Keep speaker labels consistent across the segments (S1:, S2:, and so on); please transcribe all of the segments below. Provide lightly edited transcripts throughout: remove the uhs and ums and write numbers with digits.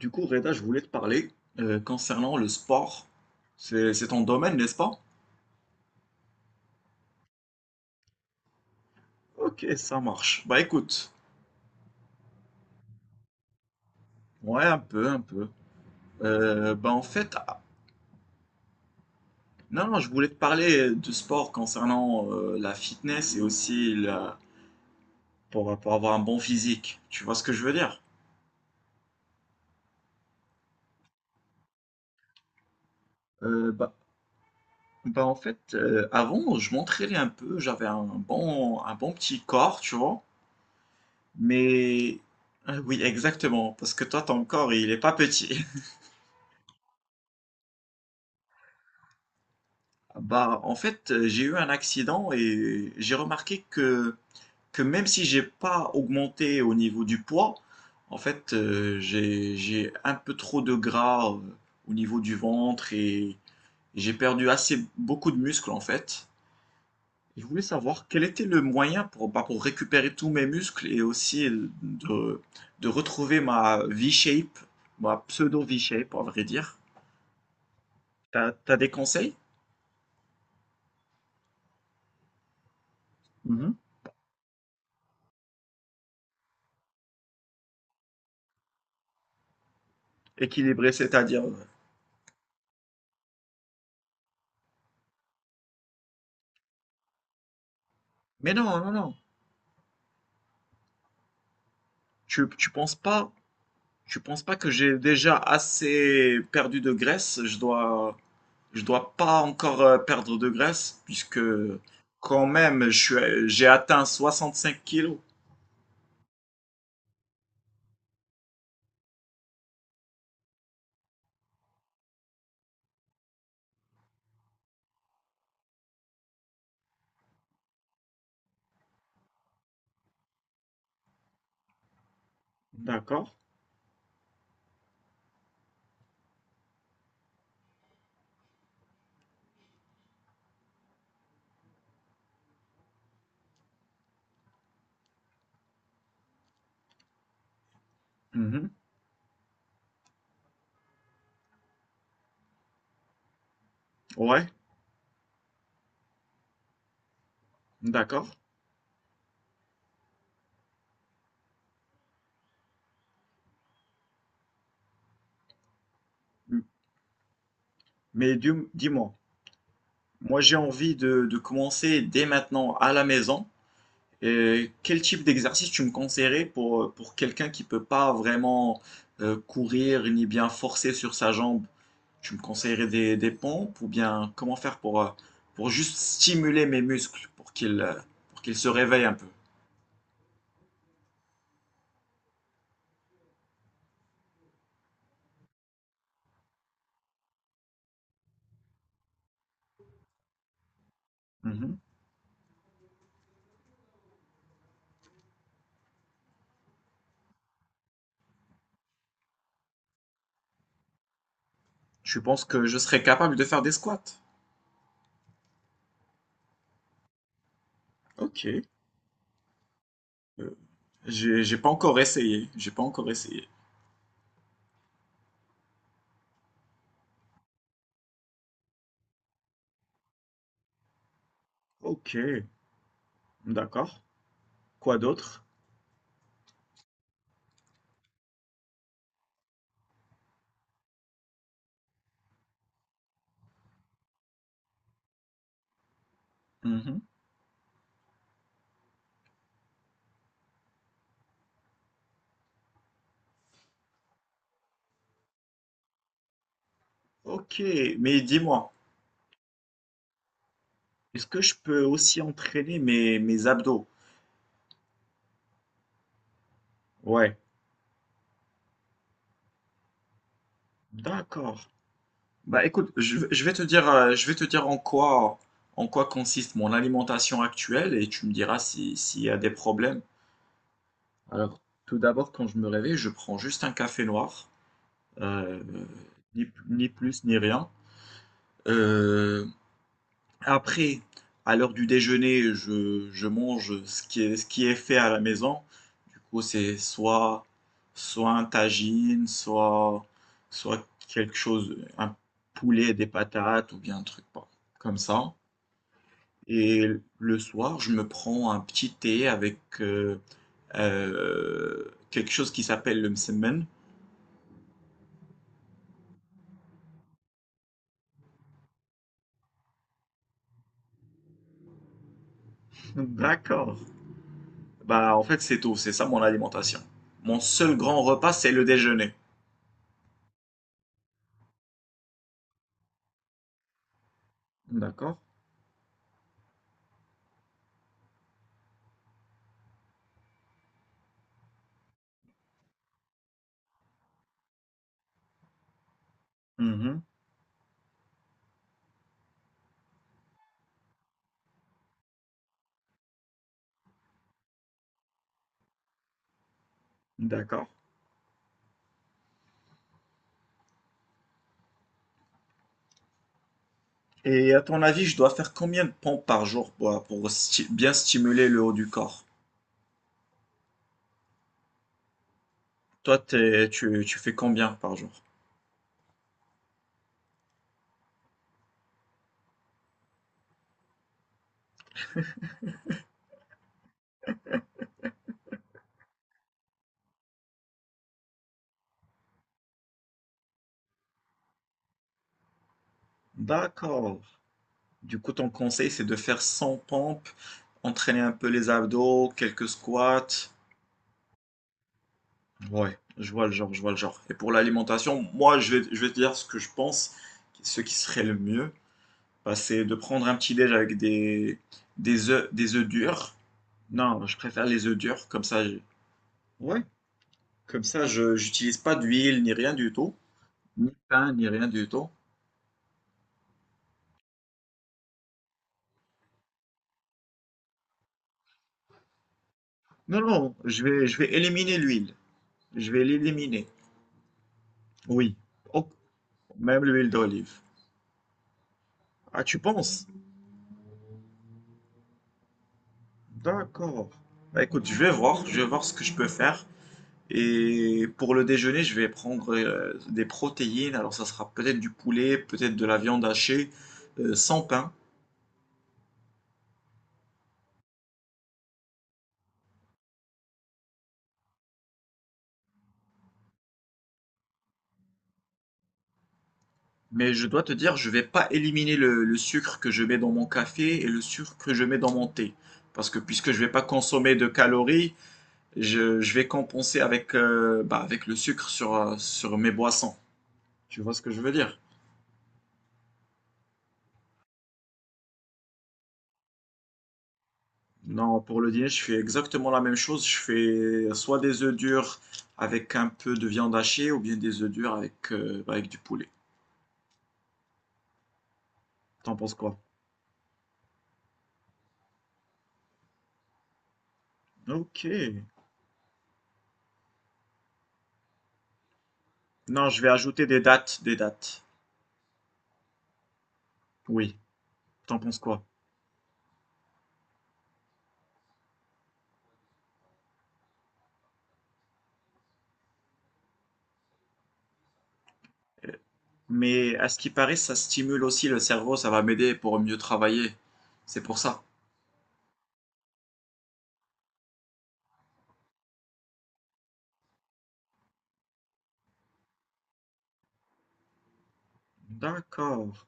S1: Du coup, Reda, je voulais te parler concernant le sport. C'est ton domaine, n'est-ce pas? Ok, ça marche. Bah écoute, ouais, un peu, un peu. Bah en fait, ah, non, non, je voulais te parler de sport concernant la fitness et aussi la, pour avoir un bon physique. Tu vois ce que je veux dire? Euh, bah, bah en fait, avant, je m'entraînais un peu, j'avais un bon petit corps, tu vois. Mais, ah oui, exactement, parce que toi, ton corps, il est pas petit. Bah, en fait, j'ai eu un accident et j'ai remarqué que même si j'ai pas augmenté au niveau du poids, en fait, j'ai un peu trop de gras au niveau du ventre et j'ai perdu assez beaucoup de muscles en fait. Et je voulais savoir quel était le moyen pour, bah, pour récupérer tous mes muscles et aussi de, de retrouver ma V-shape, ma pseudo V-shape, à vrai dire. T'as, t'as des conseils? Mhm. Équilibré, c'est-à-dire. Mais non, non, non. Tu penses pas, tu penses pas que j'ai déjà assez perdu de graisse? Je dois pas encore perdre de graisse puisque quand même, j'ai atteint 65 kilos. D'accord. Mhm. Ouais, d'accord. Mais dis, moi moi j'ai envie de commencer dès maintenant à la maison. Quel type d'exercice tu me conseillerais pour quelqu'un qui peut pas vraiment courir ni bien forcer sur sa jambe? Tu me conseillerais des pompes ou bien comment faire pour juste stimuler mes muscles pour qu'ils se réveillent un peu? Mhm. Je pense que je serais capable de faire des squats. Ok. Euh, j'ai pas encore essayé. J'ai pas encore essayé. Ok. D'accord. Quoi d'autre? Mhm. Ok. Mais dis-moi. Est-ce que je peux aussi entraîner mes, mes abdos? Ouais, d'accord. Bah écoute, je vais te dire, je vais te dire en quoi consiste mon alimentation actuelle et tu me diras si, s'il y a des problèmes. Alors, tout d'abord, quand je me réveille, je prends juste un café noir, euh, ni, ni plus ni rien. Euh, Après, à l'heure du déjeuner, je mange ce qui est fait à la maison. Du coup, c'est soit, soit un tagine, soit, soit quelque chose, un poulet, des patates ou bien un truc pas- comme ça. Et le soir, je me prends un petit thé avec quelque chose qui s'appelle le msemen. D'accord. Bah, en fait, c'est tout. C'est ça mon alimentation. Mon seul grand repas, c'est le déjeuner. D'accord. Mhm. D'accord. Et à ton avis, je dois faire combien de pompes par jour pour, bien stimuler le haut du corps? Toi, tu, tu fais combien par jour? D'accord. Du coup, ton conseil, c'est de faire 100 pompes, entraîner un peu les abdos, quelques squats. Ouais, je vois le genre, je vois le genre. Et pour l'alimentation, moi, je vais te dire ce que je pense, ce qui serait le mieux, bah, c'est de prendre un petit déj avec des œufs durs. Non, je préfère les œufs durs, comme ça. Ouais, comme ça, je j'utilise pas d'huile ni rien du tout, ni pain ni rien du tout. Non, non, je vais éliminer l'huile. Je vais l'éliminer. Oui. Oh, même l'huile d'olive. Ah, tu penses? D'accord. Bah écoute, je vais voir ce que je peux faire. Et pour le déjeuner, je vais prendre des protéines. Alors, ça sera peut-être du poulet, peut-être de la viande hachée, sans pain. Mais je dois te dire, je vais pas éliminer le sucre que je mets dans mon café et le sucre que je mets dans mon thé. Parce que puisque je vais pas consommer de calories, je vais compenser avec, bah, avec le sucre sur, sur mes boissons. Tu vois ce que je veux dire? Non, pour le dîner, je fais exactement la même chose. Je fais soit des œufs durs avec un peu de viande hachée ou bien des œufs durs avec, bah, avec du poulet. T'en penses quoi? Ok. Non, je vais ajouter des dates, des dates. Oui. T'en penses quoi? Mais à ce qui paraît, ça stimule aussi le cerveau, ça va m'aider pour mieux travailler. C'est pour ça. D'accord.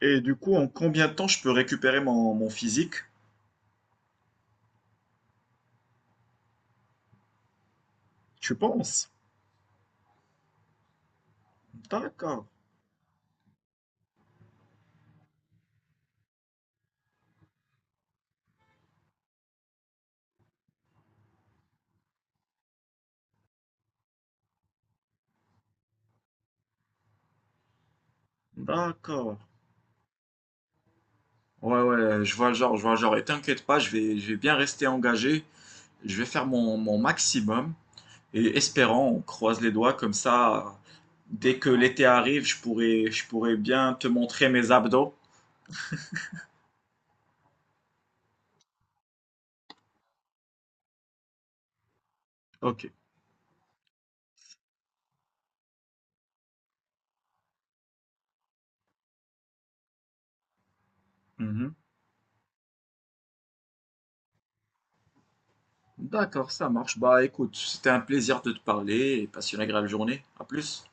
S1: Et du coup, en combien de temps je peux récupérer mon, mon physique, tu penses? D'accord. D'accord. Ouais, ouais, je vois le genre, je vois le genre. Et t'inquiète pas, je vais bien rester engagé. Je vais faire mon, mon maximum. Et espérant, on croise les doigts comme ça. Dès que l'été arrive, je pourrai bien te montrer mes abdos. Ok. Mhm. D'accord, ça marche. Bah écoute, c'était un plaisir de te parler et passe une agréable journée. À plus.